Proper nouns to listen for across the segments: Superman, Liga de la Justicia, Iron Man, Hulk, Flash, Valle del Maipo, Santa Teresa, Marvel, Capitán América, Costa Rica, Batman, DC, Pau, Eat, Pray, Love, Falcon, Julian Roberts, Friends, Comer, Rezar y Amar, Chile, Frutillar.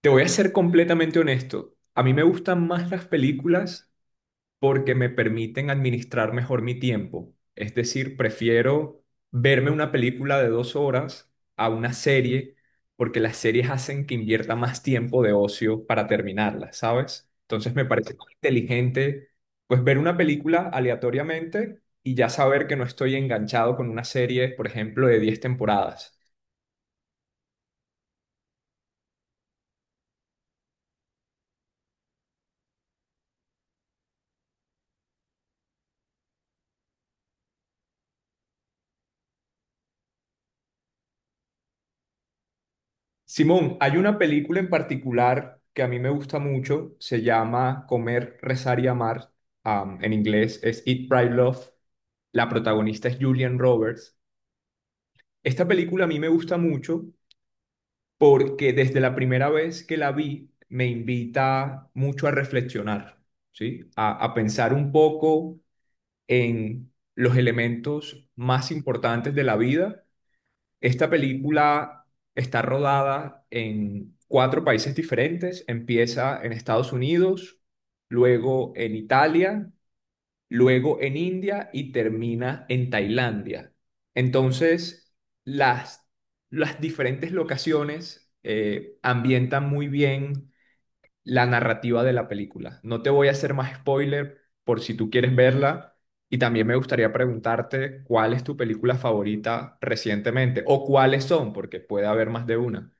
Te voy a ser completamente honesto. A mí me gustan más las películas porque me permiten administrar mejor mi tiempo. Es decir, prefiero verme una película de 2 horas a una serie porque las series hacen que invierta más tiempo de ocio para terminarlas, ¿sabes? Entonces me parece más inteligente pues ver una película aleatoriamente y ya saber que no estoy enganchado con una serie, por ejemplo, de 10 temporadas. Simón, hay una película en particular que a mí me gusta mucho, se llama Comer, Rezar y Amar, en inglés es Eat, Pray, Love, la protagonista es Julian Roberts. Esta película a mí me gusta mucho porque desde la primera vez que la vi me invita mucho a reflexionar, ¿sí? A pensar un poco en los elementos más importantes de la vida. Esta película está rodada en 4 países diferentes. Empieza en Estados Unidos, luego en Italia, luego en India y termina en Tailandia. Entonces, las, las diferentes locaciones ambientan muy bien la narrativa de la película. No te voy a hacer más spoiler por si tú quieres verla, y también me gustaría preguntarte cuál es tu película favorita recientemente o cuáles son, porque puede haber más de una.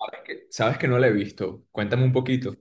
Sabes que no la he visto. Cuéntame un poquito.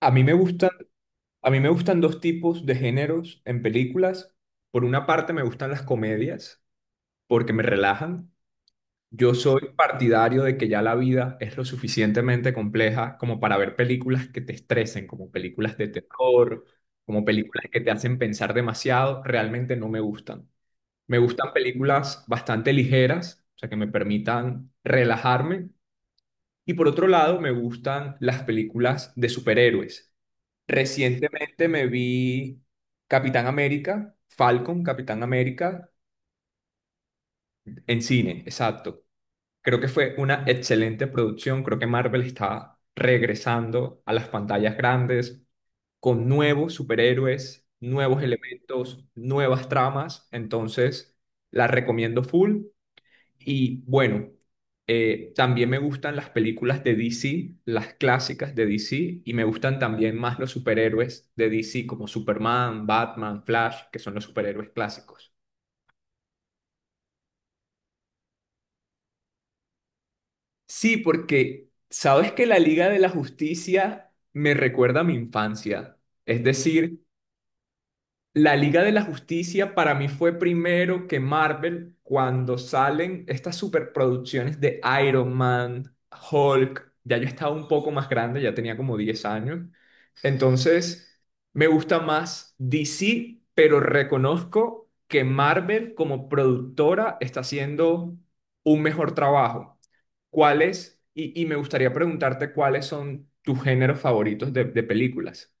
A mí me gustan, a mí me gustan dos tipos de géneros en películas. Por una parte me gustan las comedias porque me relajan. Yo soy partidario de que ya la vida es lo suficientemente compleja como para ver películas que te estresen, como películas de terror, como películas que te hacen pensar demasiado, realmente no me gustan. Me gustan películas bastante ligeras, o sea, que me permitan relajarme. Y por otro lado, me gustan las películas de superhéroes. Recientemente me vi Capitán América, Falcon, Capitán América, en cine, exacto. Creo que fue una excelente producción. Creo que Marvel está regresando a las pantallas grandes con nuevos superhéroes, nuevos elementos, nuevas tramas. Entonces, la recomiendo full. Y bueno, también me gustan las películas de DC, las clásicas de DC, y me gustan también más los superhéroes de DC como Superman, Batman, Flash, que son los superhéroes clásicos. Sí, porque sabes que la Liga de la Justicia me recuerda a mi infancia. Es decir, la Liga de la Justicia para mí fue primero que Marvel cuando salen estas superproducciones de Iron Man, Hulk. Ya yo estaba un poco más grande, ya tenía como 10 años. Entonces, me gusta más DC, pero reconozco que Marvel como productora está haciendo un mejor trabajo. Y me gustaría preguntarte cuáles son tus géneros favoritos de películas.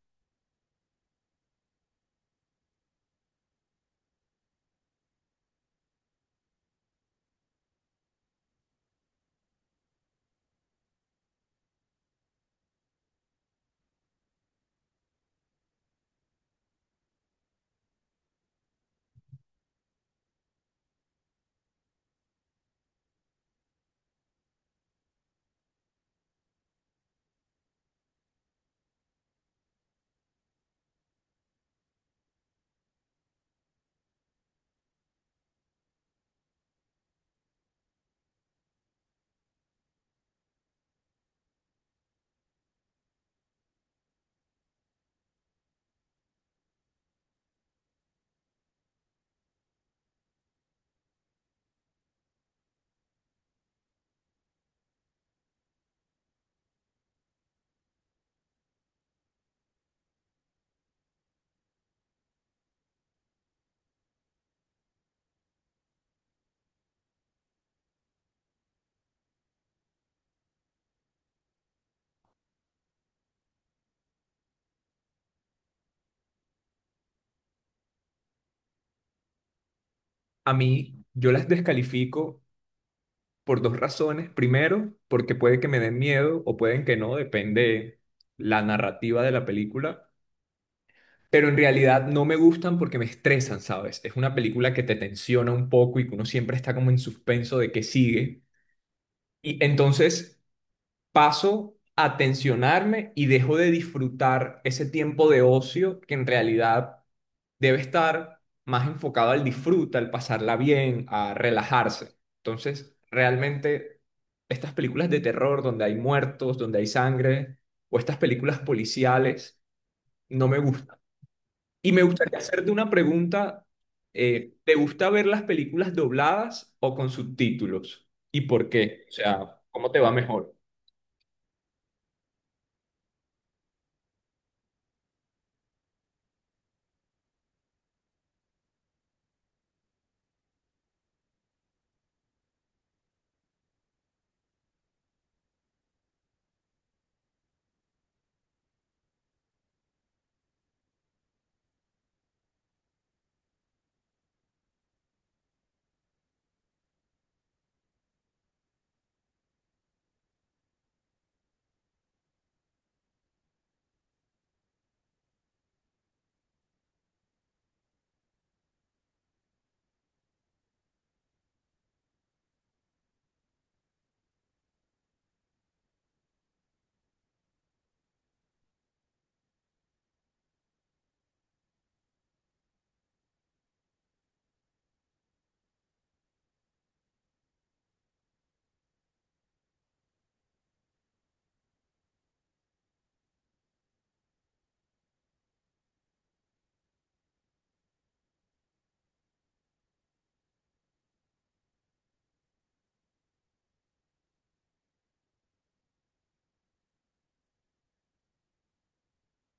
A mí, yo las descalifico por dos razones. Primero, porque puede que me den miedo o pueden que no, depende la narrativa de la película. Pero en realidad no me gustan porque me estresan, ¿sabes? Es una película que te tensiona un poco y que uno siempre está como en suspenso de qué sigue. Y entonces paso a tensionarme y dejo de disfrutar ese tiempo de ocio que en realidad debe estar más enfocado al disfrute, al pasarla bien, a relajarse. Entonces, realmente estas películas de terror donde hay muertos, donde hay sangre, o estas películas policiales, no me gustan. Y me gustaría hacerte una pregunta. ¿Te gusta ver las películas dobladas o con subtítulos? ¿Y por qué? O sea, ¿cómo te va mejor?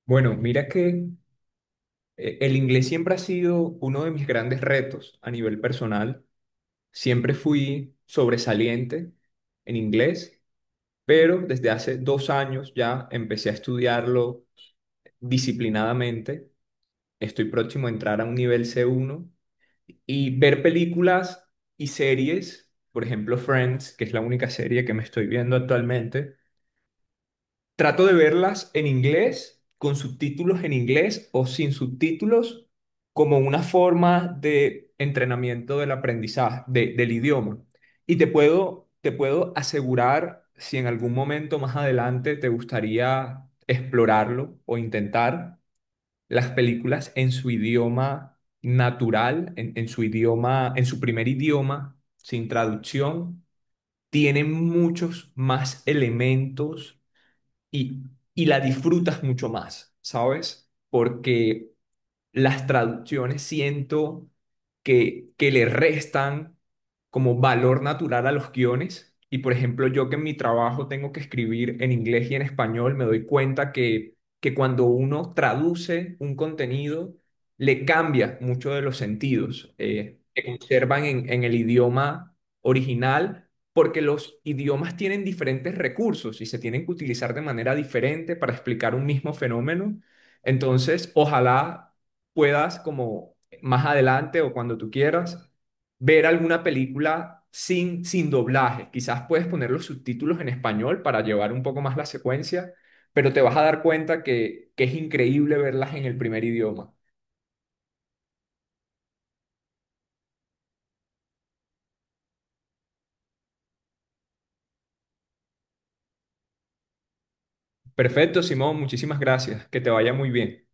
Bueno, mira que el inglés siempre ha sido uno de mis grandes retos a nivel personal. Siempre fui sobresaliente en inglés, pero desde hace 2 años ya empecé a estudiarlo disciplinadamente. Estoy próximo a entrar a un nivel C1 y ver películas y series, por ejemplo Friends, que es la única serie que me estoy viendo actualmente. Trato de verlas en inglés, con subtítulos en inglés o sin subtítulos, como una forma de entrenamiento del aprendizaje, del idioma. Te puedo asegurar, si en algún momento más adelante te gustaría explorarlo o intentar, las películas en su idioma natural, en su idioma, en su primer idioma, sin traducción, tienen muchos más elementos y, y la disfrutas mucho más, ¿sabes? Porque las traducciones siento que le restan como valor natural a los guiones. Y por ejemplo, yo que en mi trabajo tengo que escribir en inglés y en español, me doy cuenta que cuando uno traduce un contenido, le cambia mucho de los sentidos que conservan en el idioma original, porque los idiomas tienen diferentes recursos y se tienen que utilizar de manera diferente para explicar un mismo fenómeno. Entonces, ojalá puedas como más adelante o cuando tú quieras ver alguna película sin, sin doblaje. Quizás puedes poner los subtítulos en español para llevar un poco más la secuencia, pero te vas a dar cuenta que es increíble verlas en el primer idioma. Perfecto, Simón, muchísimas gracias. Que te vaya muy bien.